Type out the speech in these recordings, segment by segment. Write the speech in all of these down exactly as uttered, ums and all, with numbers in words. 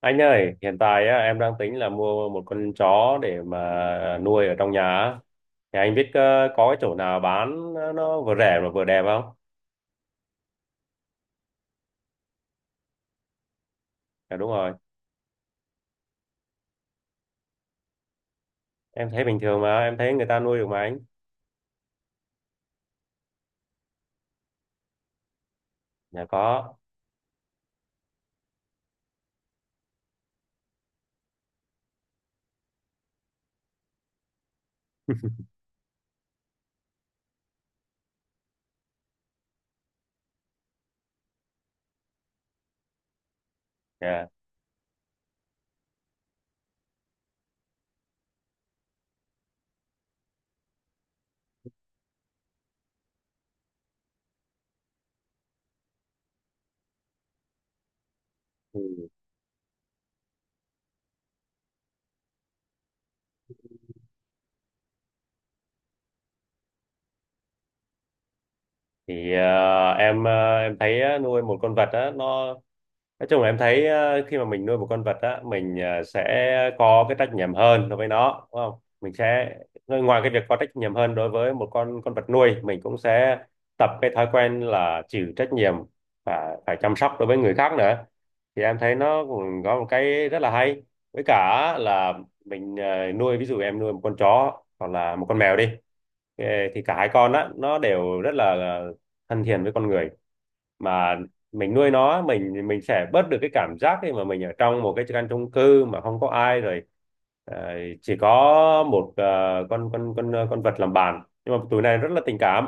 Anh ơi, hiện tại á, em đang tính là mua một con chó để mà nuôi ở trong nhà. á. Thì anh biết ờ, có cái chỗ nào bán nó vừa rẻ mà vừa đẹp không? Dạ đúng rồi, em thấy bình thường mà, em thấy người ta nuôi được mà anh. Dạ có. Dạ. Ừ. Thì ờ, em ờ, em thấy á, nuôi một con vật á, nó nói chung là em thấy ờ, khi mà mình nuôi một con vật á, mình ờ, sẽ có cái trách nhiệm hơn đối với nó đúng không, mình sẽ ngoài cái việc có trách nhiệm hơn đối với một con con vật nuôi, mình cũng sẽ tập cái thói quen là chịu trách nhiệm và phải chăm sóc đối với người khác nữa. Thì em thấy nó cũng có một cái rất là hay, với cả là mình ờ, nuôi, ví dụ em nuôi một con chó hoặc là một con mèo đi. Ờ, thì cả hai con á nó đều rất là thân thiện với con người, mà mình nuôi nó, mình mình sẽ bớt được cái cảm giác khi mà mình ở trong một cái căn chung cư mà không có ai rồi, ờ, chỉ có một ờ, con con con ờ, con vật làm bạn. Nhưng mà tụi này rất là tình cảm,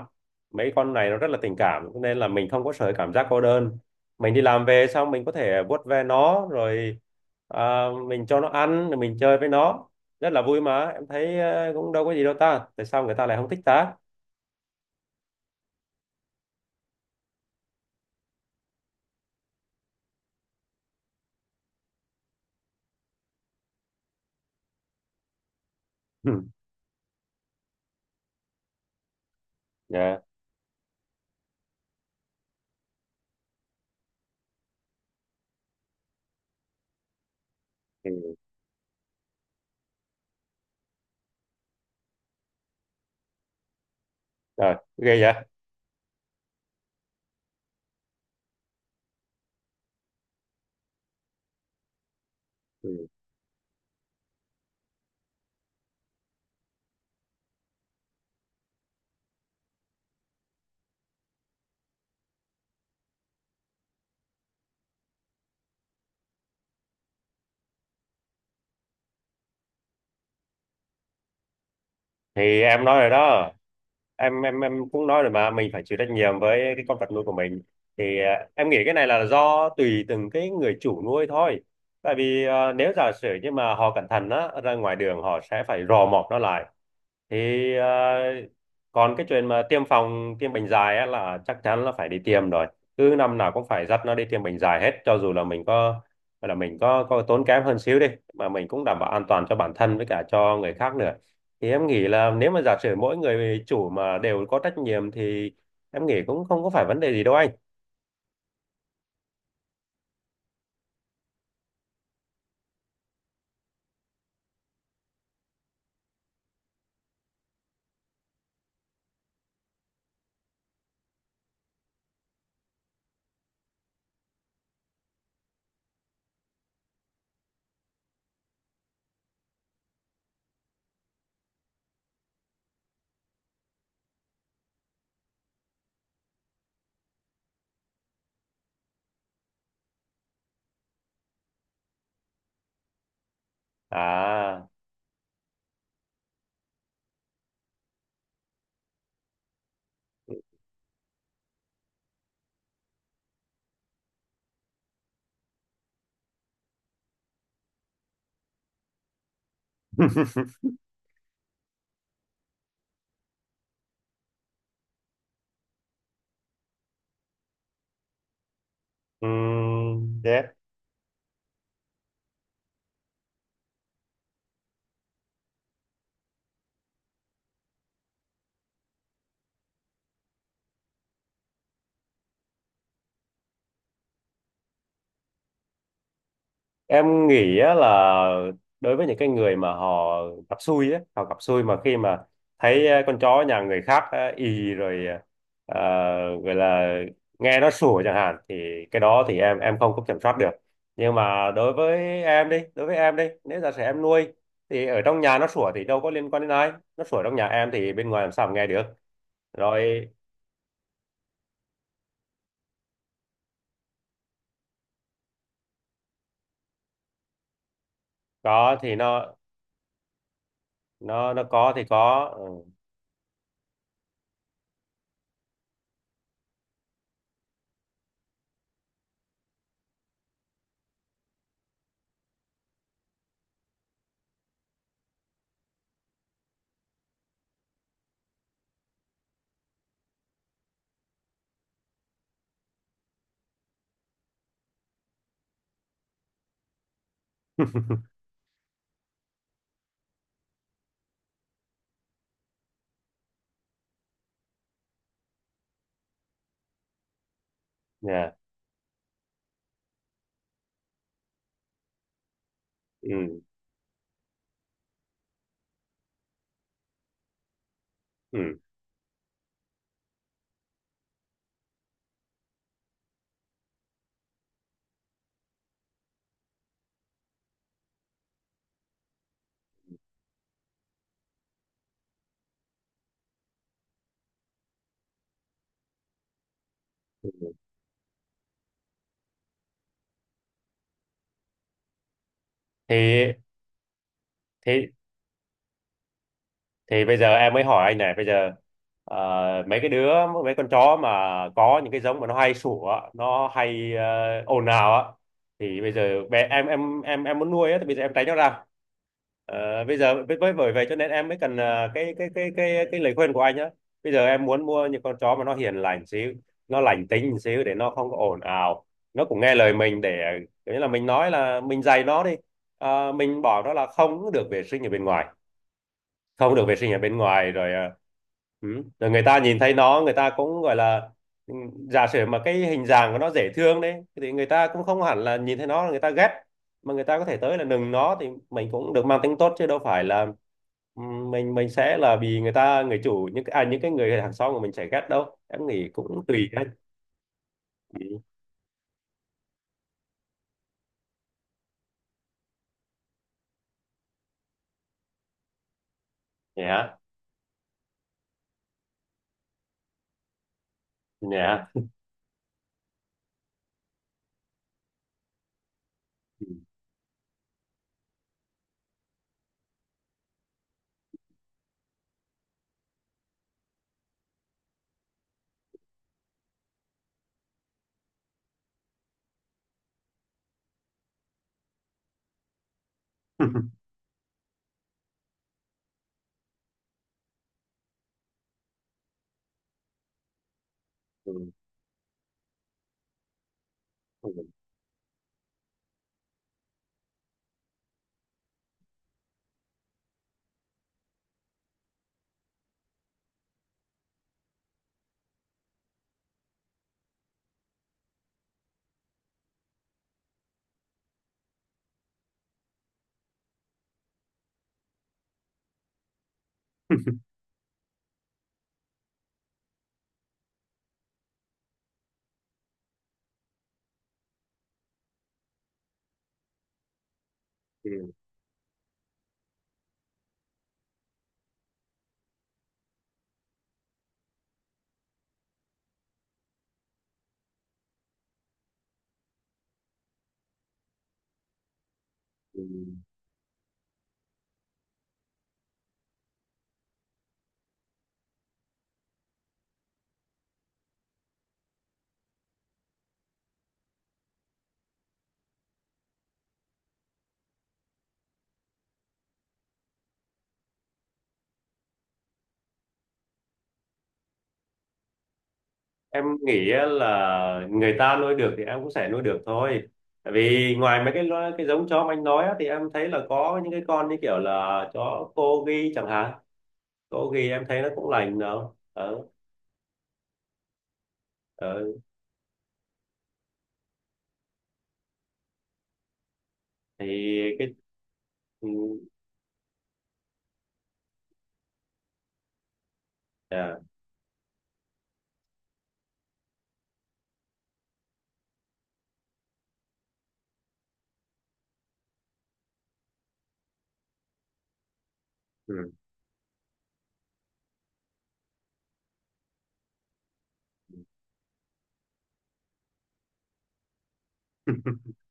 mấy con này nó rất là tình cảm cho nên là mình không có sợ cảm giác cô đơn. Mình đi làm về xong mình có thể vuốt ve nó rồi, ờ, mình cho nó ăn rồi mình chơi với nó, rất là vui. Mà em thấy ờ, cũng đâu có gì đâu ta, tại sao người ta lại không thích ta. Ừ. Dạ. Ừ. Rồi ghê vậy. Ừ. Thì em nói rồi đó, em em em cũng nói rồi mà, mình phải chịu trách nhiệm với cái con vật nuôi của mình. Thì à, em nghĩ cái này là do tùy từng cái người chủ nuôi thôi, tại vì à, nếu giả sử như mà họ cẩn thận á, ra ngoài đường họ sẽ phải rò mọc nó lại thì ờ, còn cái chuyện mà tiêm phòng tiêm bệnh dài á, là chắc chắn là phải đi tiêm rồi. Cứ năm nào cũng phải dắt nó đi tiêm bệnh dài hết, cho dù là mình có gọi là mình có có tốn kém hơn xíu đi, mà mình cũng đảm bảo an toàn cho bản thân với cả cho người khác nữa. Thì em nghĩ là nếu mà giả sử mỗi người chủ mà đều có trách nhiệm thì em nghĩ cũng không có phải vấn đề gì đâu anh à. um, em nghĩ á là đối với những cái người mà họ gặp xui á, họ gặp xui mà khi mà thấy ờ, con chó nhà người khác ờ, ì rồi ờ, gọi là nghe nó sủa chẳng hạn, thì cái đó thì em em không có kiểm soát được. Nhưng mà đối với em đi đối với em đi, nếu giả sử em nuôi thì ở trong nhà nó sủa thì đâu có liên quan đến ai, nó sủa trong nhà em thì bên ngoài làm sao mà nghe được. Rồi có thì nó nó nó có thì có. Ừ. Dạ. Ừ. Ừ. thì thì thì bây giờ em mới hỏi anh này. Bây giờ ờ, mấy cái đứa, mấy con chó mà có những cái giống mà nó hay sủa, nó hay ờ, ồn ào á, thì bây giờ bé em em em em muốn nuôi á thì bây giờ em tránh nó ra. Ờ, bây giờ với với bởi vậy cho nên em mới cần ờ, cái cái cái cái cái lời khuyên của anh á. Bây giờ em muốn mua những con chó mà nó hiền lành xíu, nó lành tính xíu để nó không có ồn ào, nó cũng nghe lời mình, để kiểu như là mình nói, là mình dạy nó đi. Ờ, mình bảo nó là không được vệ sinh ở bên ngoài, không được vệ sinh ở bên ngoài rồi à, ừ. Rồi người ta nhìn thấy nó, người ta cũng gọi là, ừ, giả sử mà cái hình dạng của nó dễ thương đấy thì người ta cũng không hẳn là nhìn thấy nó là người ta ghét, mà người ta có thể tới là nừng nó thì mình cũng được mang tính tốt chứ đâu phải là, ừ, mình mình sẽ là vì người ta, người chủ, những cái- à, những cái người hàng xóm của mình sẽ ghét đâu. Em nghĩ cũng tùy đấy. Ừ. Nhé. Nhé. Ừ. Ừ. Ừ. Ừ. Ừ, ừ. Em nghĩ á là người ta nuôi được thì em cũng sẽ nuôi được thôi. Tại vì ngoài mấy cái lo- cái giống chó mà anh nói á, thì em thấy là có những cái con như kiểu là chó corgi chẳng hạn. Corgi em thấy nó cũng lành đâu ờ. Ờ. Thì cái. Ừ. Dạ. Ừ.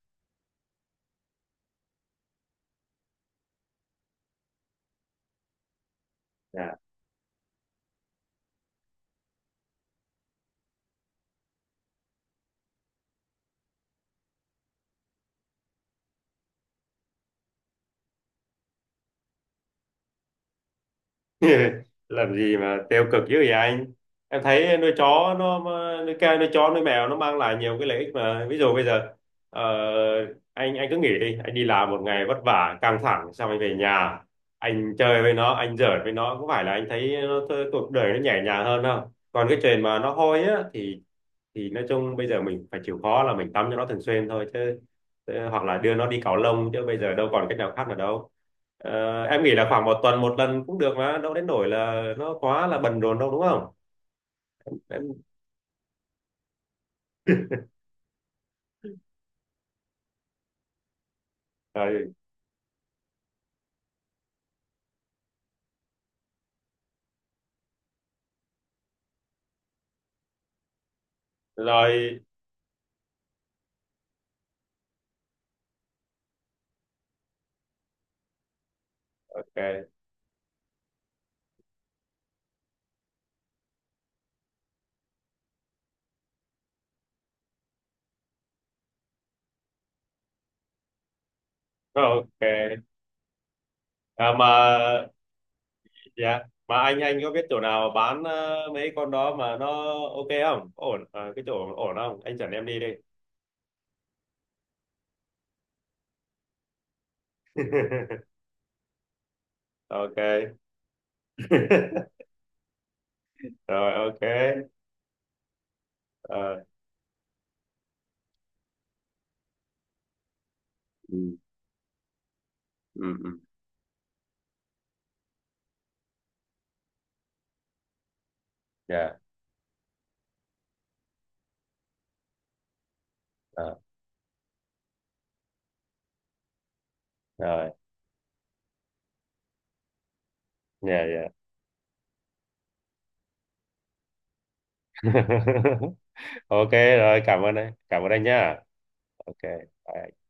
Làm gì mà tiêu cực dữ vậy anh? Em thấy nuôi chó nó, nuôi ca, nuôi chó nuôi mèo nó mang lại nhiều cái lợi ích mà. Ví dụ bây giờ ờ, anh anh cứ nghỉ đi, anh đi làm một ngày vất vả căng thẳng xong anh về nhà, anh chơi với nó, anh giỡn với nó, có phải là anh thấy nó, th- cuộc đời nó nhẹ nhàng hơn không. Còn cái chuyện mà nó hôi á thì thì nói chung bây giờ mình phải chịu khó là mình tắm cho nó thường xuyên thôi, chứ chứ- hoặc là đưa nó đi cạo lông chứ bây giờ đâu còn cách nào khác nữa đâu. Ờ, em nghĩ là khoảng một tuần một lần cũng được, mà đâu đến nỗi là nó quá là bận rộn đâu đúng không. Em. Rồi. Rồi ok. Rồi ok. À, mà, dạ, mà anh anh có biết chỗ nào bán ờ, mấy con đó mà nó ok không? Ổn. Ờ, cái chỗ ổn không anh dẫn em đi đi. Ok. Rồi ok. Ờ. Ừ. Ừ. Ừ. Dạ. Ờ. Rồi. Dạ, dạ. Ok rồi, cảm ơn anh, cảm ơn anh nhá. Ok, bye.